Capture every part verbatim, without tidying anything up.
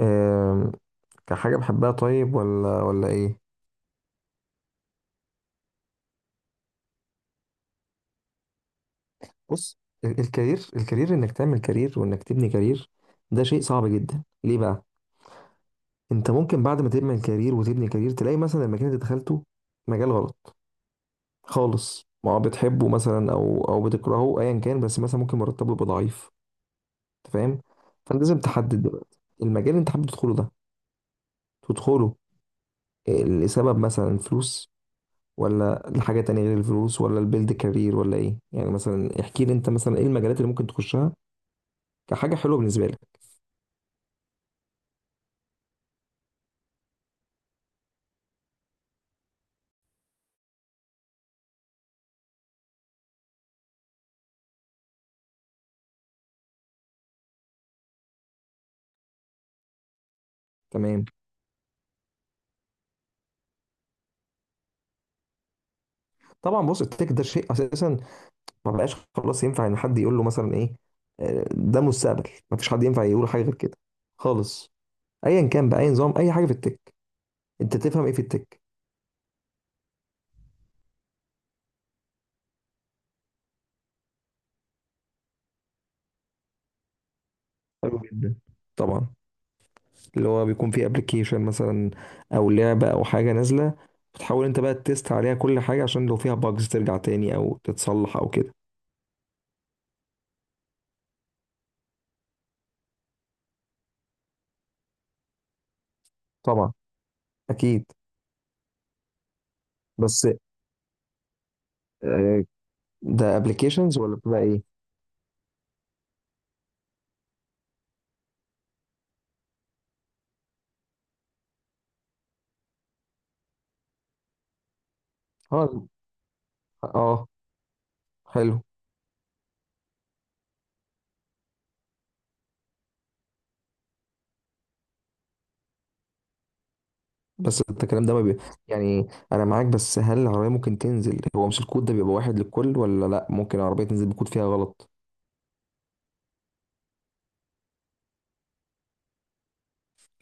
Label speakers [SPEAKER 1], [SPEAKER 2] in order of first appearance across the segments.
[SPEAKER 1] آم، كحاجة بحبها طيب ولا ولا ايه. بص، ال- الكارير الكارير، انك تعمل كارير وانك تبني كارير، ده شيء صعب جدا. ليه بقى؟ انت ممكن بعد ما تبني كارير وتبني كارير تلاقي مثلا المكان اللي دخلته مجال غلط خالص. ما هو بتحبه مثلا او او بتكرهه ايا كان، بس مثلا ممكن مرتبه يبقى ضعيف. انت فاهم؟ فانت لازم تحدد دلوقتي المجال اللي انت حابب تدخله ده تدخله. آه، لسبب مثلا فلوس، ولا لحاجة تانية غير الفلوس، ولا البيلد كارير، ولا ايه يعني؟ مثلا احكي لي انت مثلا ايه المجالات اللي ممكن تخشها كحاجة حلوة بالنسبة لك. تمام. طبعا، بص التك ده شيء اساسا ما بقاش خلاص ينفع ان حد يقول له مثلا ايه. آه، ده مستقبل، ما فيش حد ينفع يقول حاجة غير كده خالص. ايا كان بقى اي نظام، اي حاجة في التك، انت تفهم ايه في التك؟ حلو جدا. طبعا، اللي هو بيكون فيه ابلكيشن مثلا، او لعبة، او حاجة نازلة، بتحاول انت بقى تست عليها كل حاجة عشان لو فيها باجز ترجع تاني او تتصلح او كده. طبعا. اكيد. بس، آه، ده ابلكيشنز ولا بتبقى ايه؟ اه. اه. حلو. بس انت الكلام ده ما بي... يعني انا معاك، بس هل العربيه ممكن تنزل؟ هو مش الكود ده بيبقى واحد للكل ولا لا؟ ممكن العربيه تنزل بكود فيها غلط.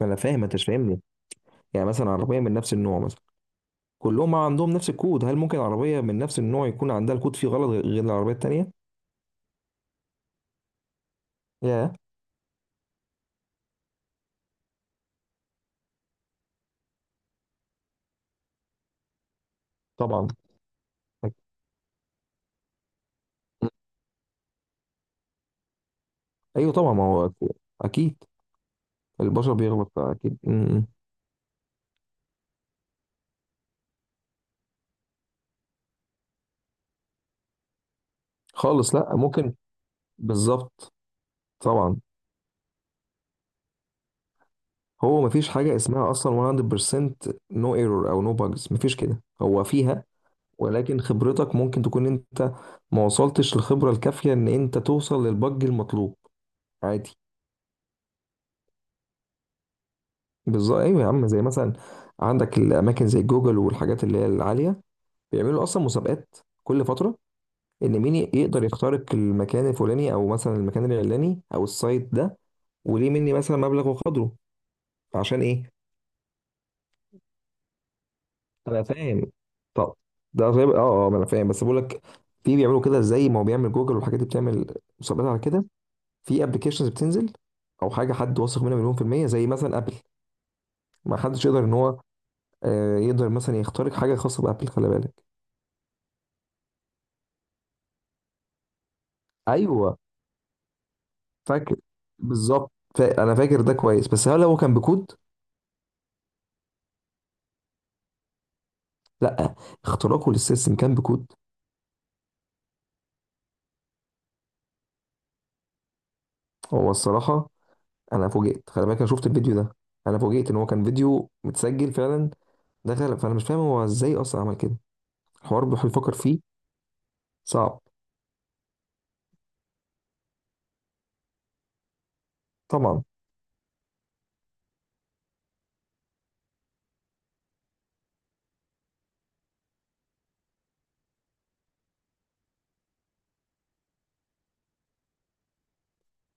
[SPEAKER 1] انا فاهم، انت مش فاهمني. يعني مثلا عربيه من نفس النوع مثلا، كلهم عندهم نفس الكود، هل ممكن عربيه من نفس النوع يكون عندها الكود فيه غلط غير العربيه التانيه؟ يا. طبعا. أك- ايوه طبعا، ما هو أك- اكيد. البشر بيغلط اكيد. م- م. خالص، لا ممكن. بالظبط. طبعا، هو مفيش حاجة اسمها أصلا مية في المية no error أو no bugs، مفيش كده هو فيها. ولكن خبرتك ممكن تكون أنت ما وصلتش للخبرة الكافية إن أنت توصل للبج المطلوب. عادي. بالظبط. أيوة يا عم، زي مثلا عندك الأماكن زي جوجل والحاجات اللي هي العالية، بيعملوا أصلا مسابقات كل فترة، إن مين يقدر يخترق المكان الفلاني أو مثلا المكان العلاني أو السايت ده، وليه مني مثلا مبلغ وقدره. عشان إيه؟ انا فاهم. طب ده غير، اه اه ما انا فاهم، بس بقول لك في بيعملوا كده زي ما هو بيعمل جوجل والحاجات دي بتعمل مسابقات على كده. في ابلكيشنز بتنزل، او حاجه حد واثق منها مليون في الميه زي مثلا ابل، ما حدش يقدر ان هو آه، يقدر مثلا يخترق حاجه خاصه بابل، خلي بالك. ايوه، فاكر. بالظبط. فا- انا فاكر ده كويس، بس هل هو كان بكود؟ لا، اختراقه للسيستم كان بكود. هو الصراحه انا فوجئت، خلي بالك، انا شفت الفيديو ده. انا فوجئت ان هو كان فيديو متسجل فعلا، دخل، فانا مش فاهم هو ازاي اصلا عمل كده. الحوار بيحاول يفكر فيه. صعب. طبعا.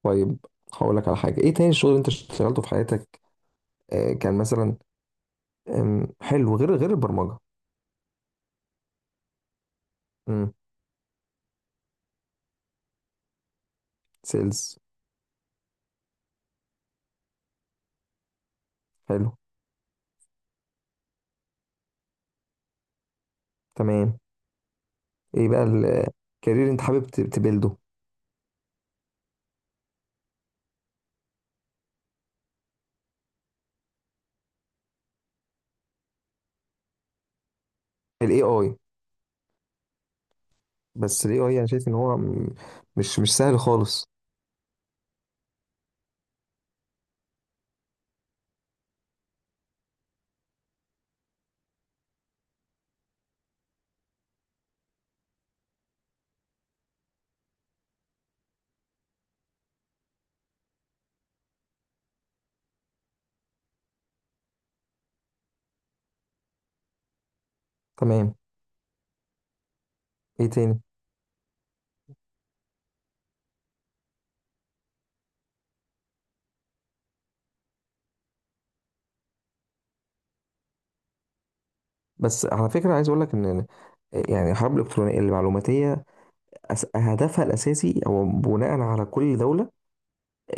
[SPEAKER 1] طيب، هقول لك على حاجه. ايه تاني الشغل اللي انت اشتغلته في حياتك؟ آه كان مثلا آم، حلو، غير غير البرمجه. امم. سيلز. حلو. تمام. ايه بقى الكارير انت حابب ت- تبيلده؟ الاي اي. بس الاي اي انا شايف ان هو م- مش مش سهل خالص. تمام. ايه تاني؟ بس على فكرة عايز أقول لك إن يعني الحرب الإلكترونية المعلوماتية، أس- هدفها الأساسي هو بناء على كل دولة.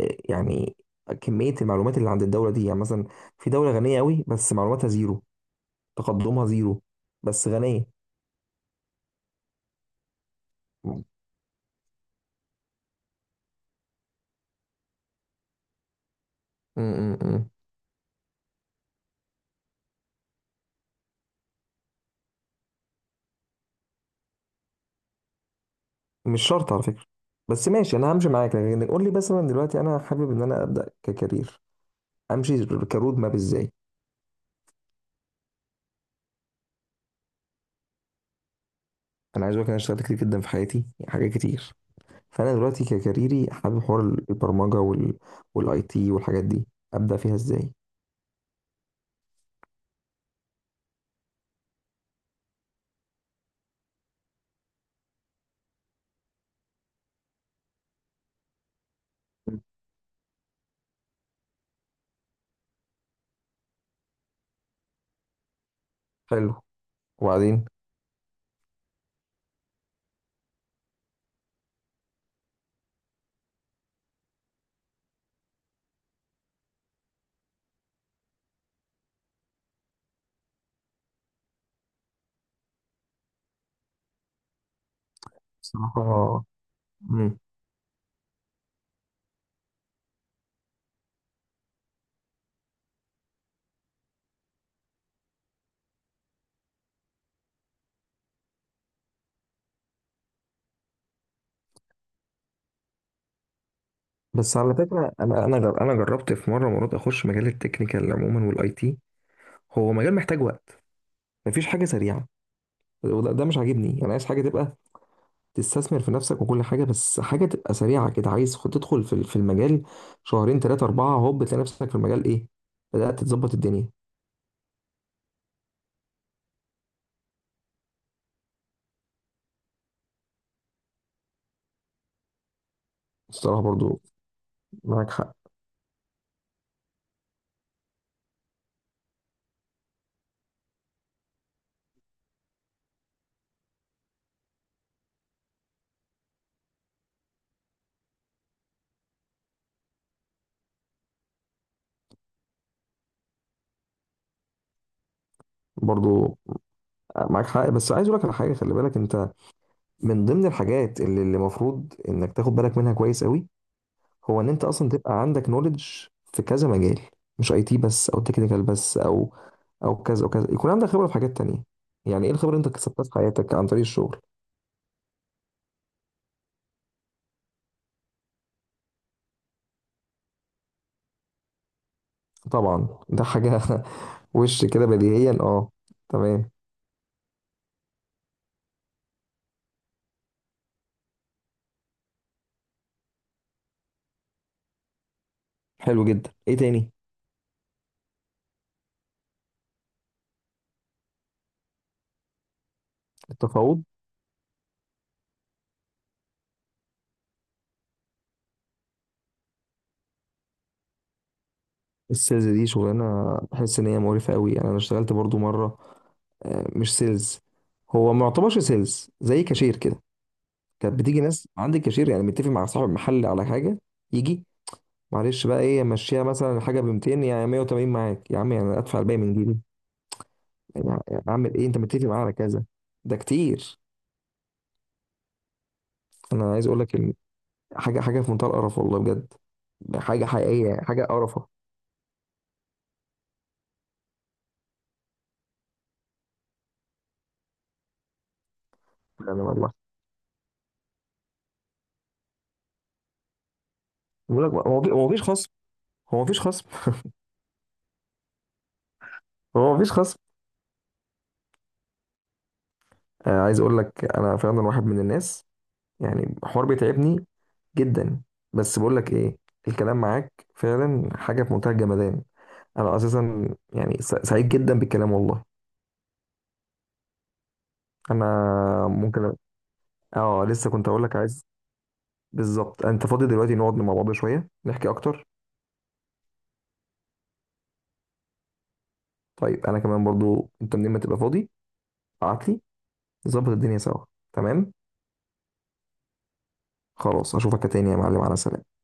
[SPEAKER 1] آه، يعني كمية المعلومات اللي عند الدولة دي. يعني مثلا في دولة غنية أوي بس معلوماتها زيرو، تقدمها زيرو، بس غنية. م- م- م. مش شرط على فكرة. بس ماشي، أنا همشي معاك، لكن قول لي مثلا دلوقتي أنا حابب إن أنا أبدأ ككارير، أمشي كرود ماب إزاي؟ أنا عايز أقول لك إن أنا اشتغلت كتير جدا في حياتي، يعني حاجات كتير. فانا دلوقتي ككاريري حابب حوار البرمجه وال والاي تي والحاجات دي، ابدا فيها ازاي؟ حلو. وبعدين؟ بصراحه. مم. بس على فكره، انا انا جر- انا جربت في مره مرات اخش مجال التكنيكال عموما والاي تي. هو مجال محتاج وقت، مفيش حاجه سريعه، وده، ده مش عاجبني. انا عايز حاجه تبقى تستثمر في نفسك وكل حاجه، بس حاجه تبقى سريعه كده. عايز خد- تدخل في ال- في المجال شهرين ثلاثه اربعه، هوب تلاقي نفسك في المجال ايه، بدات تظبط الدنيا. الصراحه برضو معاك حق. برضو معاك حق، بس عايز اقول لك على حاجه، خلي بالك انت، من ضمن الحاجات اللي اللي المفروض انك تاخد بالك منها كويس قوي، هو ان انت اصلا تبقى عندك نوليدج في كذا مجال. مش اي تي بس، او تكنيكال بس، او او كذا او كذا. يكون عندك خبره في حاجات تانية. يعني ايه الخبره اللي انت كسبتها في حياتك عن طريق الشغل؟ طبعا ده حاجه وش كده بديهيا. اه. تمام. حلو جدا، ايه تاني؟ التفاوض. السيلز دي شغلانه بحس ان هي مقرفه قوي. يعني انا اشتغلت برضو مره آه، مش سيلز، هو ما يعتبرش سيلز، زي كاشير كده. كانت بتيجي ناس عند الكاشير، يعني متفق مع صاحب المحل على حاجه، يجي: معلش بقى ايه، مشيها مثلا الحاجه ب ميتين، يعني ميه وتمانين معاك يا عم، يعني أنا ادفع الباقي من جيبي. يعني، يعني اعمل ايه؟ انت متفق معايا على كذا. ده كتير. انا عايز اقول لك إن حاجه حاجه في منتهى القرف، والله بجد. حاجه حقيقيه، حاجه قرفه. يعني والله، بقول لك هو مفيش- هو مفيش خصم. هو مفيش خصم. هو مفيش خصم. آه، عايز اقول لك انا فعلا واحد من الناس يعني حوار بيتعبني جدا. بس بقول لك ايه، الكلام معاك فعلا حاجه في منتهى الجمدان. انا اساسا يعني س- سعيد جدا بالكلام والله. انا ممكن أ- اه لسه كنت اقول لك عايز. بالظبط، انت فاضي دلوقتي نقعد مع بعض شويه نحكي اكتر؟ طيب انا كمان برضو، انت منين ما تبقى فاضي ابعت لي، نظبط الدنيا سوا. تمام. خلاص، اشوفك تاني يا معلم، على سلامه.